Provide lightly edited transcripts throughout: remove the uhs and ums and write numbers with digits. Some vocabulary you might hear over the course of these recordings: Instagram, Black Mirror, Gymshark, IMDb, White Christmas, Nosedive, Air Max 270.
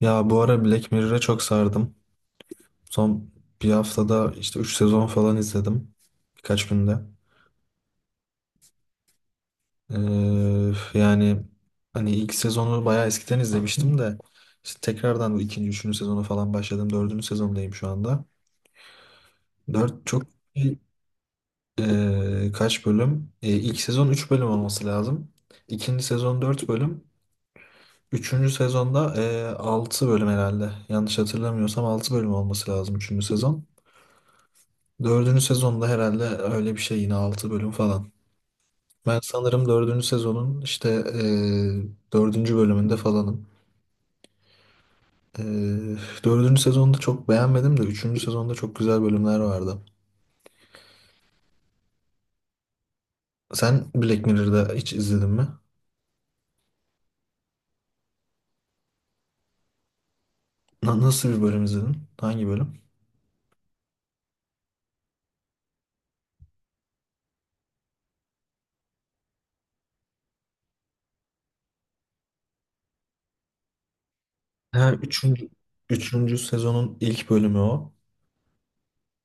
Ya bu ara Black Mirror'a çok sardım. Son bir haftada işte 3 sezon falan izledim. Birkaç günde. Ee, yani hani ilk sezonu bayağı eskiden izlemiştim de işte tekrardan bu ikinci, üçüncü sezonu falan başladım. Dördüncü sezondayım şu anda. Dört çok kaç bölüm? İlk sezon 3 bölüm olması lazım. İkinci sezon 4 bölüm. Üçüncü sezonda altı bölüm herhalde. Yanlış hatırlamıyorsam 6 bölüm olması lazım üçüncü sezon. Dördüncü sezonda herhalde öyle bir şey yine altı bölüm falan. Ben sanırım dördüncü sezonun işte dördüncü bölümünde falanım. E, Dördüncü sezonda çok beğenmedim de üçüncü sezonda çok güzel bölümler vardı. Sen Black Mirror'da hiç izledin mi? Nasıl bir bölüm izledin? Hangi bölüm? Ha, üçüncü, üçüncü sezonun ilk bölümü o.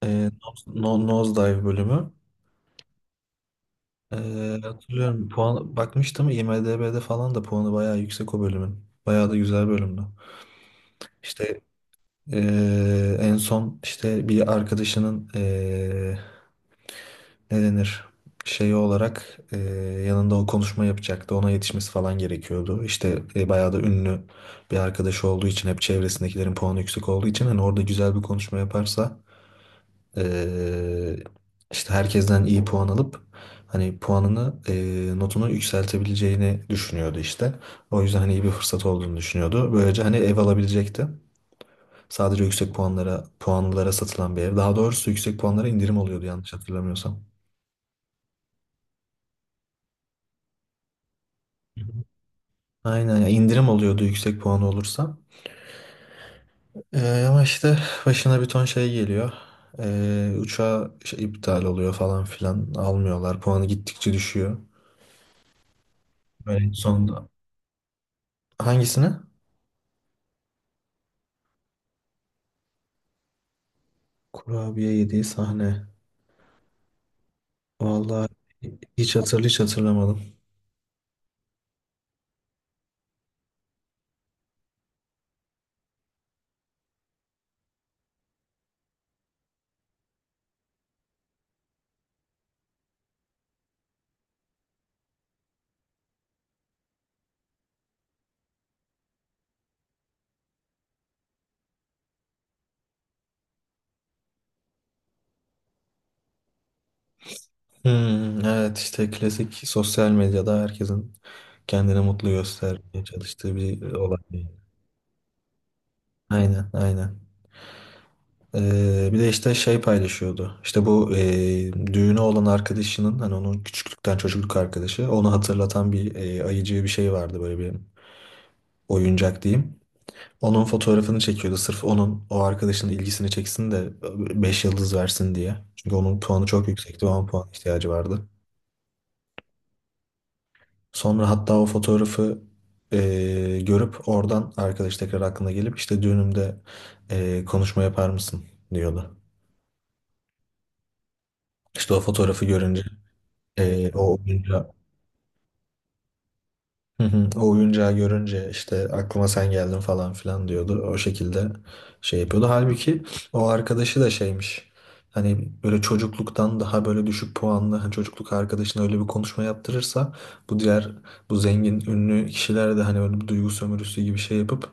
E, no, Nosedive bölümü. E, Hatırlıyorum, puan bakmıştım IMDb'de falan da puanı bayağı yüksek o bölümün. Bayağı da güzel bölümdü. İşte. En son işte bir arkadaşının ne denir şeyi olarak, yanında o konuşma yapacaktı. Ona yetişmesi falan gerekiyordu. İşte bayağı da ünlü bir arkadaşı olduğu için, hep çevresindekilerin puanı yüksek olduğu için, hani orada güzel bir konuşma yaparsa eee, işte herkesten iyi puan alıp hani puanını, notunu yükseltebileceğini düşünüyordu işte. O yüzden hani iyi bir fırsat olduğunu düşünüyordu. Böylece hani ev alabilecekti. Sadece yüksek puanlara satılan bir ev. Daha doğrusu yüksek puanlara indirim oluyordu yanlış hatırlamıyorsam. Hı hı. Aynen ya, indirim oluyordu yüksek puanı olursa. Ama işte başına bir ton şey geliyor. Uçağı şey, iptal oluyor falan filan. Almıyorlar. Puanı gittikçe düşüyor. Böyle en sonunda. Hangisine? Kurabiye yediği sahne. Vallahi hiç hatırlamadım. Hmm, evet işte klasik sosyal medyada herkesin kendini mutlu göstermeye çalıştığı bir olay. Aynen, aynen. Bir de işte şey paylaşıyordu. İşte bu düğünü olan arkadaşının, hani onun küçüklükten çocukluk arkadaşı, onu hatırlatan bir ayıcı bir şey vardı, böyle bir oyuncak diyeyim. Onun fotoğrafını çekiyordu sırf onun o arkadaşının ilgisini çeksin de 5 yıldız versin diye. Çünkü onun puanı çok yüksekti ve 10 puan ihtiyacı vardı. Sonra hatta o fotoğrafı görüp oradan arkadaş tekrar aklına gelip işte düğünümde konuşma yapar mısın diyordu. İşte o fotoğrafı görünce Ee, o oyuncağı, Hı hı, o oyuncağı görünce işte aklıma sen geldin falan filan diyordu. O şekilde şey yapıyordu. Halbuki o arkadaşı da şeymiş. Hani böyle çocukluktan daha böyle düşük puanlı, hani çocukluk arkadaşına öyle bir konuşma yaptırırsa bu diğer bu zengin ünlü kişiler de hani böyle bir duygu sömürüsü gibi şey yapıp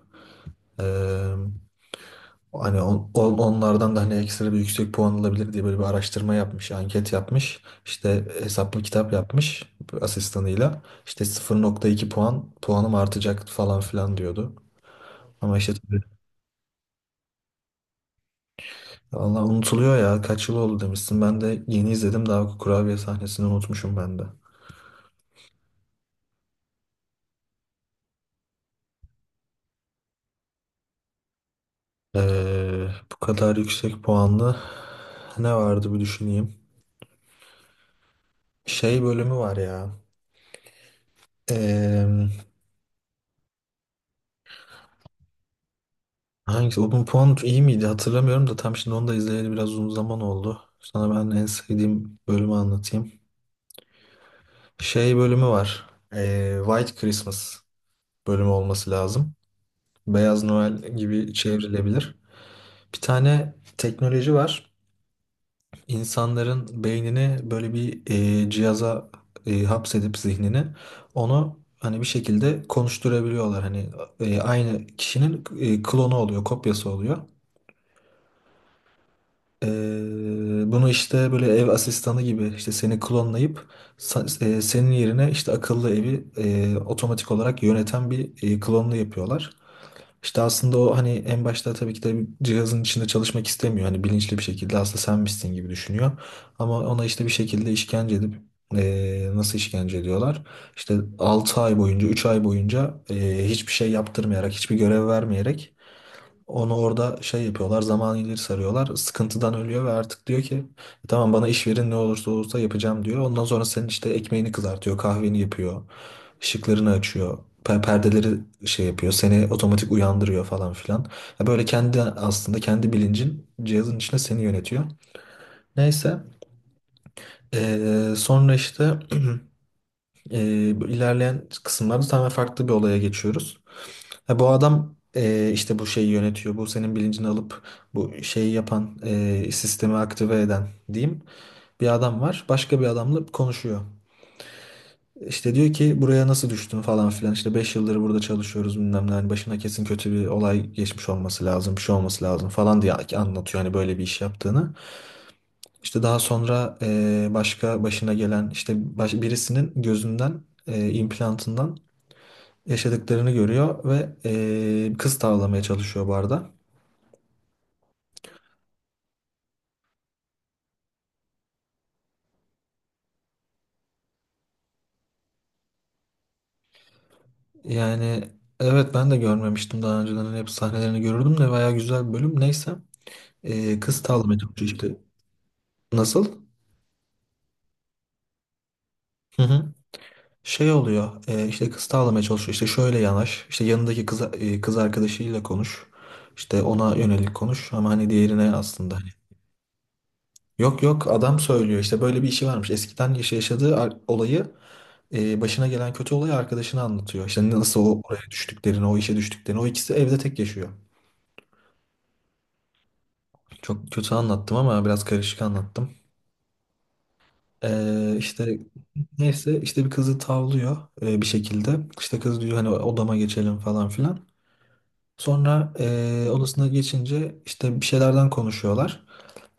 hani onlardan da hani ekstra bir yüksek puan alabilir diye, böyle bir araştırma yapmış, anket yapmış. İşte hesaplı kitap yapmış asistanıyla. İşte 0.2 puan, puanım artacak falan filan diyordu. Ama işte tabii Allah, unutuluyor ya, kaç yıl oldu demişsin. Ben de yeni izledim, daha kurabiye sahnesini unutmuşum ben de. Bu kadar yüksek puanlı ne vardı bir düşüneyim. Şey bölümü var ya. Hangisi? Open Pond iyi miydi? Hatırlamıyorum da tam şimdi, onu da izleyeli biraz uzun zaman oldu. Sana ben en sevdiğim bölümü anlatayım. Şey bölümü var. White Christmas bölümü olması lazım. Beyaz Noel gibi çevrilebilir. Bir tane teknoloji var. İnsanların beynini böyle bir cihaza hapsedip zihnini, onu hani bir şekilde konuşturabiliyorlar. Hani aynı kişinin klonu oluyor, kopyası oluyor. Ee, Bunu işte böyle ev asistanı gibi, işte seni klonlayıp senin yerine işte akıllı evi otomatik olarak yöneten bir klonlu yapıyorlar. İşte aslında o hani en başta tabii ki de cihazın içinde çalışmak istemiyor. Hani bilinçli bir şekilde aslında sen misin gibi düşünüyor. Ama ona işte bir şekilde işkence edip nasıl işkence ediyorlar? İşte 6 ay boyunca, 3 ay boyunca hiçbir şey yaptırmayarak, hiçbir görev vermeyerek onu orada şey yapıyorlar, zaman ileri sarıyorlar. Sıkıntıdan ölüyor ve artık diyor ki tamam bana iş verin, ne olursa olursa yapacağım diyor. Ondan sonra senin işte ekmeğini kızartıyor, kahveni yapıyor, ışıklarını açıyor, perdeleri şey yapıyor, seni otomatik uyandırıyor falan filan. Ya böyle kendi, aslında kendi bilincin cihazın içinde seni yönetiyor. Neyse, sonra işte bu ilerleyen kısımlarda tamamen farklı bir olaya geçiyoruz. Ha, bu adam işte bu şeyi yönetiyor. Bu senin bilincini alıp bu şeyi yapan, sistemi aktive eden diyeyim. Bir adam var. Başka bir adamla konuşuyor. İşte diyor ki buraya nasıl düştün falan filan. İşte 5 yıldır burada çalışıyoruz bilmem ne. Hani başına kesin kötü bir olay geçmiş olması lazım. Bir şey olması lazım falan diye anlatıyor hani böyle bir iş yaptığını. İşte daha sonra başka başına gelen işte, birisinin gözünden, implantından yaşadıklarını görüyor ve kız tavlamaya çalışıyor barda. Yani evet, ben de görmemiştim daha önceden. Hani hep sahnelerini görürdüm de bayağı güzel bir bölüm. Neyse, kız tavlamaya çalışıyor işte. Nasıl? Hı hı. Şey oluyor, işte kız tavlamaya çalışıyor işte şöyle yanaş, işte yanındaki kız, kız arkadaşıyla konuş, işte ona yönelik konuş, ama hani diğerine aslında hani. Yok yok, adam söylüyor işte böyle bir işi varmış eskiden, yaşadığı olayı, başına gelen kötü olayı arkadaşına anlatıyor, işte nasıl o oraya düştüklerini, o işe düştüklerini, o ikisi evde tek yaşıyor. Çok kötü anlattım, ama biraz karışık anlattım. İşte neyse, işte bir kızı tavlıyor bir şekilde. İşte kız diyor hani odama geçelim falan filan. Sonra odasına geçince işte bir şeylerden konuşuyorlar.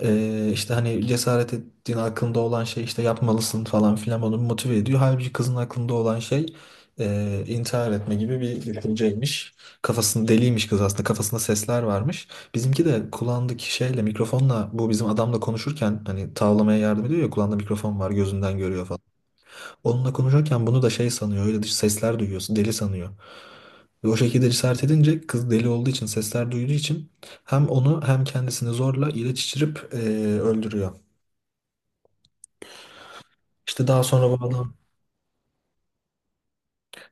İşte hani cesaret ettiğin aklında olan şey, işte yapmalısın falan filan, onu motive ediyor. Halbuki kızın aklında olan şey intihar etme gibi bir düşünceymiş. Kafasını deliymiş kız aslında, kafasında sesler varmış. Bizimki de kulağındaki şeyle, mikrofonla, bu bizim adamla konuşurken hani tavlamaya yardım ediyor ya, kulağında mikrofon var, gözünden görüyor falan. Onunla konuşurken bunu da şey sanıyor, öyle dış sesler duyuyorsun deli sanıyor. Ve o şekilde cesaret edince kız, deli olduğu için, sesler duyduğu için hem onu hem kendisini zorla ilaç içirip öldürüyor. İşte daha sonra bu adam,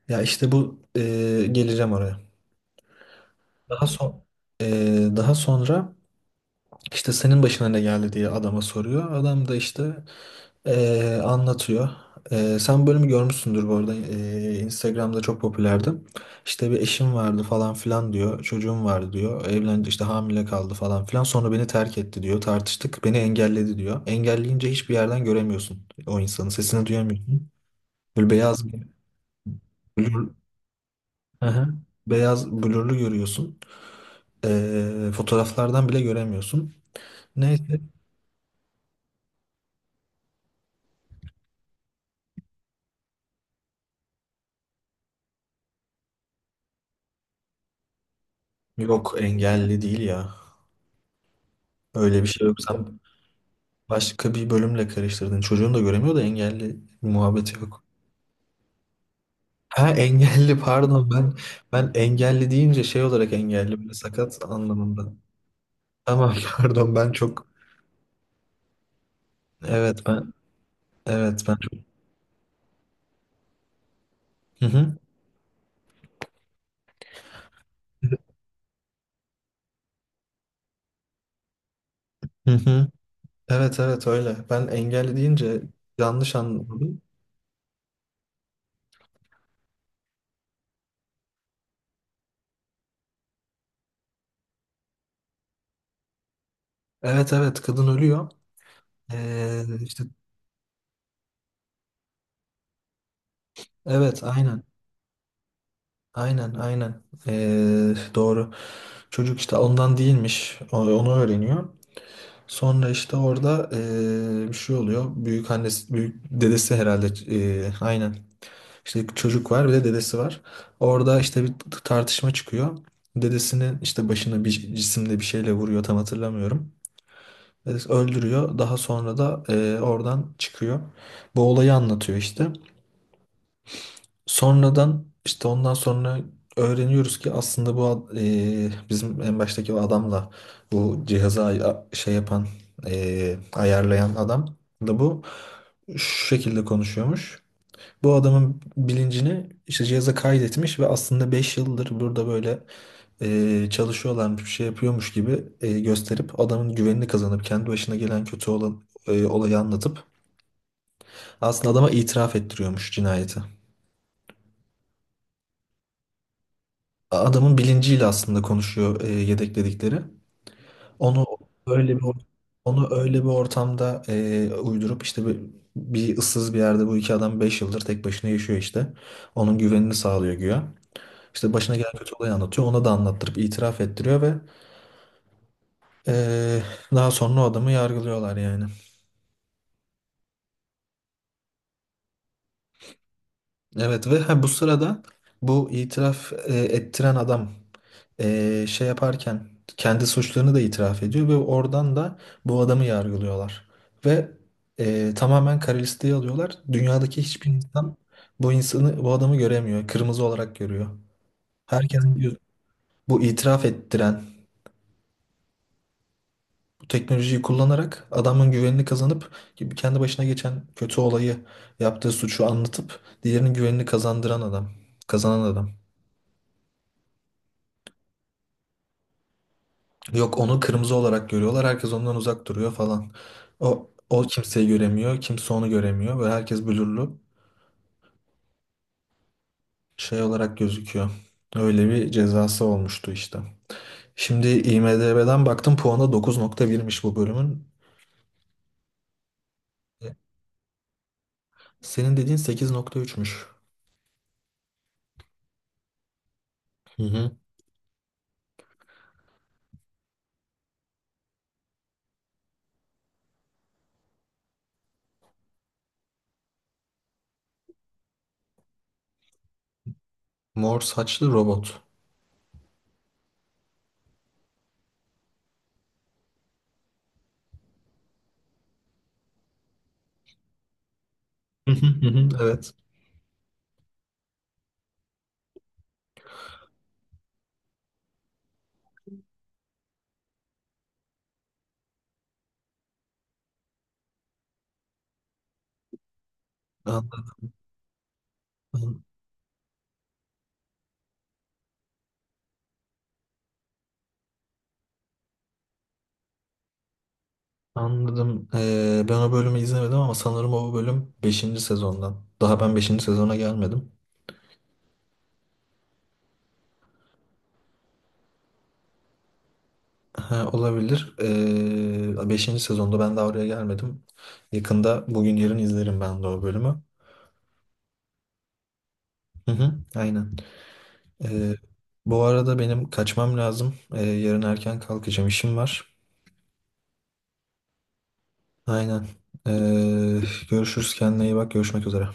ya işte bu geleceğim oraya. Daha son e, daha sonra işte senin başına ne geldi diye adama soruyor. Adam da işte anlatıyor. Sen bölümü görmüşsündür bu arada. Instagram'da çok popülerdi. İşte bir eşim vardı falan filan diyor. Çocuğum vardı diyor. Evlendi, işte hamile kaldı falan filan. Sonra beni terk etti diyor. Tartıştık. Beni engelledi diyor. Engelleyince hiçbir yerden göremiyorsun o insanı. Sesini duyamıyorsun. Böyle beyaz bir. Aha. Beyaz blurlu görüyorsun. Fotoğraflardan bile göremiyorsun. Neyse. Yok, engelli değil ya. Öyle bir şey yok. Sen başka bir bölümle karıştırdın. Çocuğun da göremiyor da, engelli muhabbeti yok. Ha, engelli pardon, ben engelli deyince şey olarak, engelli böyle sakat anlamında. Tamam pardon ben çok, evet ben evet ben çok hı hı. Hı hı. Evet evet öyle. Ben engelli deyince yanlış anladım. Evet evet, kadın ölüyor. İşte evet, aynen. Doğru, çocuk işte ondan değilmiş, onu öğreniyor. Sonra işte orada, bir şey oluyor, büyük annesi, büyük dedesi herhalde, aynen. İşte çocuk var, bir de dedesi var orada, işte bir tartışma çıkıyor, dedesinin işte başına bir cisimle, bir şeyle vuruyor, tam hatırlamıyorum. Dedesi öldürüyor. Daha sonra da oradan çıkıyor, bu olayı anlatıyor işte. Sonradan işte, ondan sonra öğreniyoruz ki aslında bu bizim en baştaki o adamla bu cihazı şey yapan, ayarlayan adam da bu şu şekilde konuşuyormuş. Bu adamın bilincini işte cihaza kaydetmiş ve aslında 5 yıldır burada böyle çalışıyorlarmış, bir şey yapıyormuş gibi gösterip adamın güvenini kazanıp kendi başına gelen kötü olan olayı anlatıp aslında adama itiraf ettiriyormuş cinayeti. Adamın bilinciyle aslında konuşuyor, yedekledikleri. Onu öyle bir onu öyle bir ortamda uydurup işte bir ıssız bir yerde. Bu iki adam 5 yıldır tek başına yaşıyor işte. Onun güvenini sağlıyor güya. İşte başına gelen kötü olayı anlatıyor. Ona da anlattırıp itiraf ettiriyor ve e, daha sonra o adamı yargılıyorlar yani. Evet, ve ha, bu sırada bu itiraf ettiren adam, şey yaparken kendi suçlarını da itiraf ediyor ve oradan da bu adamı yargılıyorlar. Ve tamamen kara listeye alıyorlar. Dünyadaki hiçbir insan bu insanı, bu adamı göremiyor. Kırmızı olarak görüyor. Herkesin göz- bu itiraf ettiren, bu teknolojiyi kullanarak adamın güvenini kazanıp gibi kendi başına geçen kötü olayı, yaptığı suçu anlatıp diğerinin güvenini kazanan adam. Yok, onu kırmızı olarak görüyorlar. Herkes ondan uzak duruyor falan. O kimseyi göremiyor. Kimse onu göremiyor. Ve herkes blurlu şey olarak gözüküyor. Öyle bir cezası olmuştu işte. Şimdi IMDb'den baktım, puanı 9.1'miş bu bölümün. E, Senin dediğin 8.3'müş. Hı hı. Mor saçlı robot. Hı hı hı hı, evet. Anladım. Anladım. Ben o bölümü izlemedim ama sanırım o bölüm beşinci sezondan. Daha ben beşinci sezona gelmedim. Ha, olabilir. 5. sezonda ben daha oraya gelmedim. Yakında bugün yarın izlerim ben de o bölümü. Hı hı, aynen. Ee, Bu arada benim kaçmam lazım. Yarın erken kalkacağım, işim var. Aynen. Ee, Görüşürüz, kendine iyi bak. Görüşmek üzere.